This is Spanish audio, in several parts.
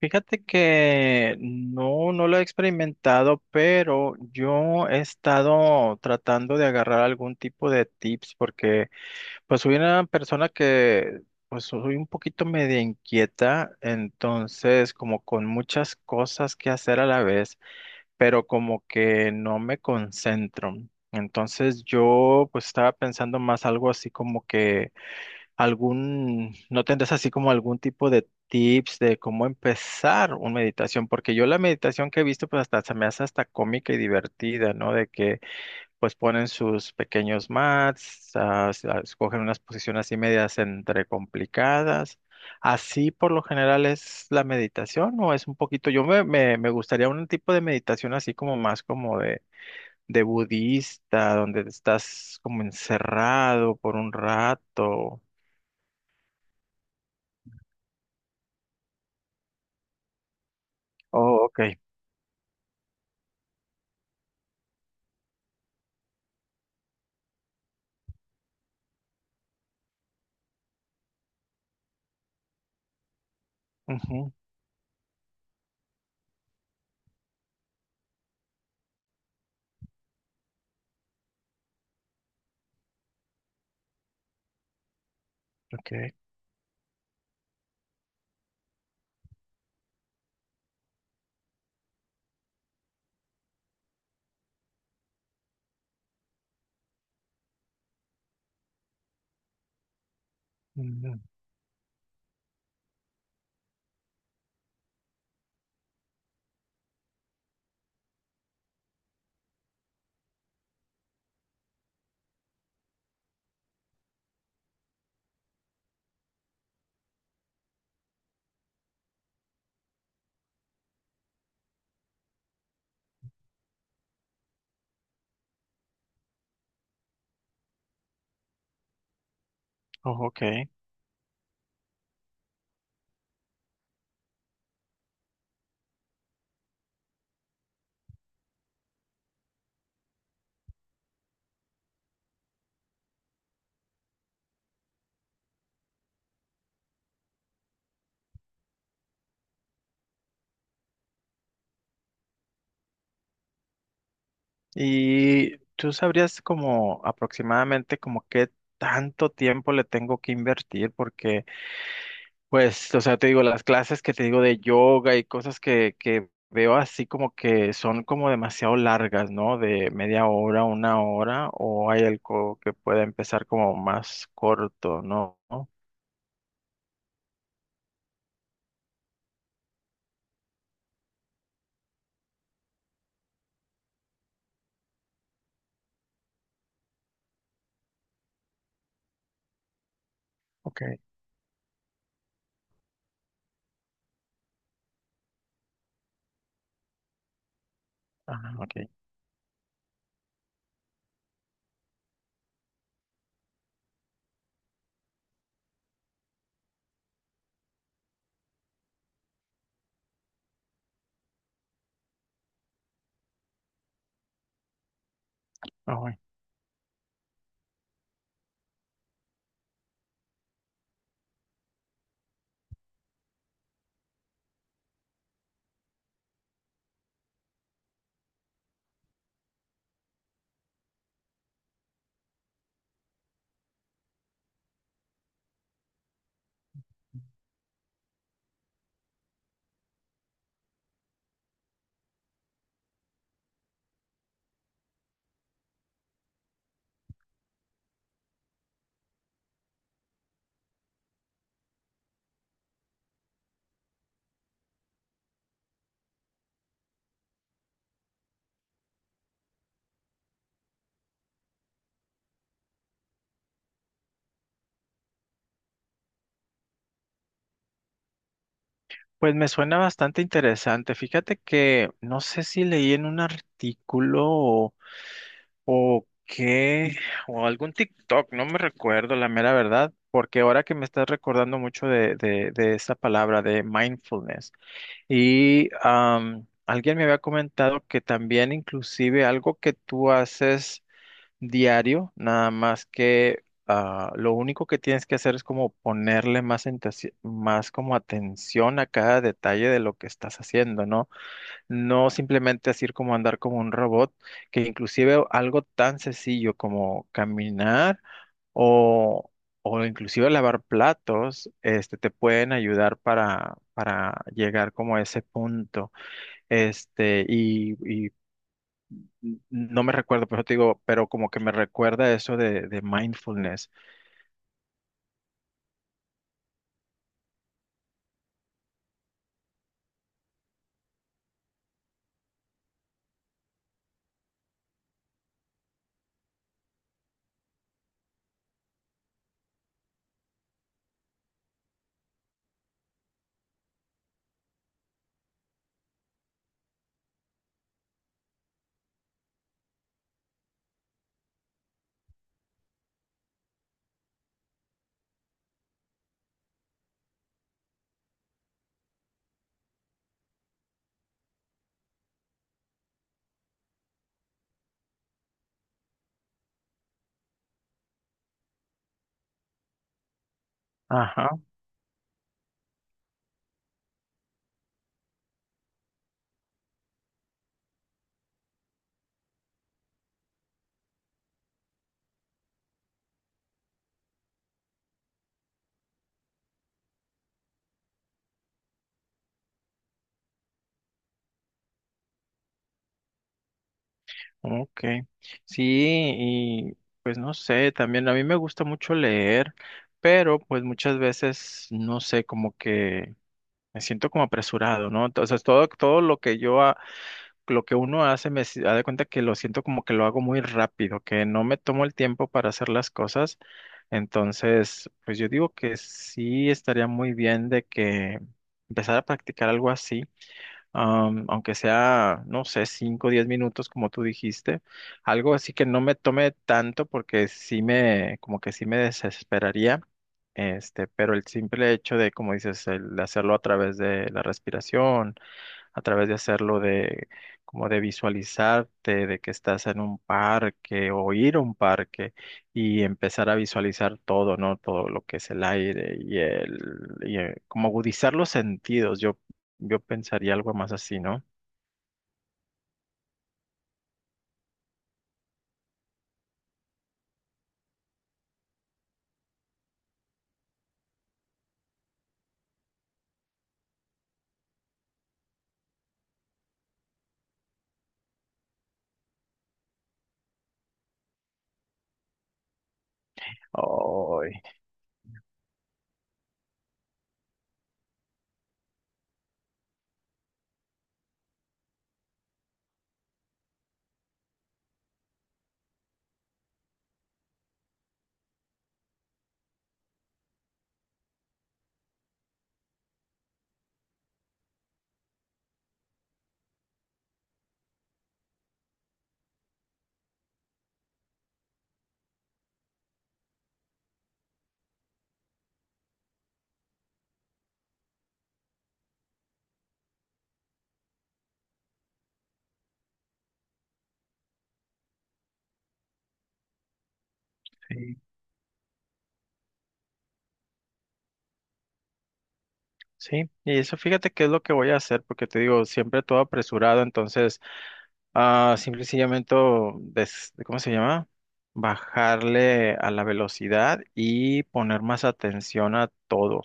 Fíjate que no lo he experimentado, pero yo he estado tratando de agarrar algún tipo de tips porque pues soy una persona que soy un poquito media inquieta, entonces como con muchas cosas que hacer a la vez, pero como que no me concentro. Entonces yo pues estaba pensando más algo así como que no tendrás así como algún tipo de tips de cómo empezar una meditación, porque yo la meditación que he visto pues hasta se me hace hasta cómica y divertida, ¿no? De que pues ponen sus pequeños mats, escogen unas posiciones así medias entre complicadas. ¿Así por lo general es la meditación o es un poquito, me gustaría un tipo de meditación así como más como de budista, donde estás como encerrado por un rato? Oh, ok. Ujú, ok. Mm, oh, ok. ¿Y tú sabrías como aproximadamente como qué tanto tiempo le tengo que invertir? Porque, pues, o sea, te digo, las clases que te digo de yoga y cosas que veo así como que son como demasiado largas, ¿no? De media hora, una hora, o hay algo que pueda empezar como más corto, ¿no? Ok. Ah, ok. Ah, bueno. Pues me suena bastante interesante. Fíjate que no sé si leí en un artículo o qué, o algún TikTok, no me recuerdo la mera verdad, porque ahora que me estás recordando mucho de esa palabra de mindfulness. Y alguien me había comentado que también inclusive algo que tú haces diario, nada más que lo único que tienes que hacer es como ponerle más como atención a cada detalle de lo que estás haciendo, ¿no? No simplemente así como andar como un robot, que inclusive algo tan sencillo como caminar o, o inclusive lavar platos, este, te pueden ayudar para llegar como a ese punto. Este, y no me recuerdo, pero te digo, pero como que me recuerda eso de mindfulness. Ajá, ok. Sí, y pues no sé, también a mí me gusta mucho leer, pero pues muchas veces, no sé, como que me siento como apresurado, ¿no? Entonces, todo lo que uno hace me si- da de cuenta que lo siento como que lo hago muy rápido, que no me tomo el tiempo para hacer las cosas. Entonces, pues yo digo que sí estaría muy bien de que empezar a practicar algo así, aunque sea, no sé, 5 o 10 minutos, como tú dijiste, algo así que no me tome tanto porque como que sí me desesperaría. Este, pero el simple hecho de, como dices, el hacerlo a través de la respiración a través de hacerlo de como de visualizarte, de que estás en un parque o ir a un parque y empezar a visualizar todo, ¿no? Todo lo que es el aire como agudizar los sentidos. Yo pensaría algo más así, ¿no? Ay, sí. Sí, y eso fíjate que es lo que voy a hacer, porque te digo, siempre todo apresurado, entonces ah, simple y sencillamente, ¿cómo se llama? Bajarle a la velocidad y poner más atención a todo.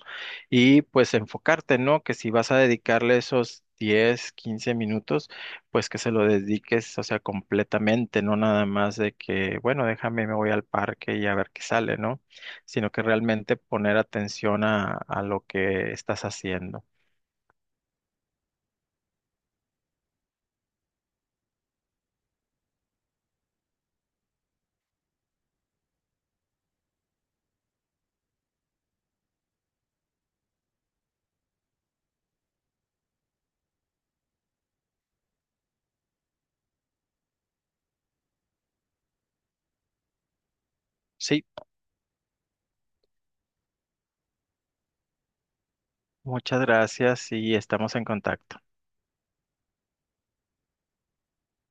Y pues enfocarte, ¿no? Que si vas a dedicarle esos 10 15 minutos, pues que se lo dediques, o sea, completamente, no nada más de que, bueno, déjame, me voy al parque y a ver qué sale, ¿no? Sino que realmente poner atención a lo que estás haciendo. Sí, muchas gracias y estamos en contacto.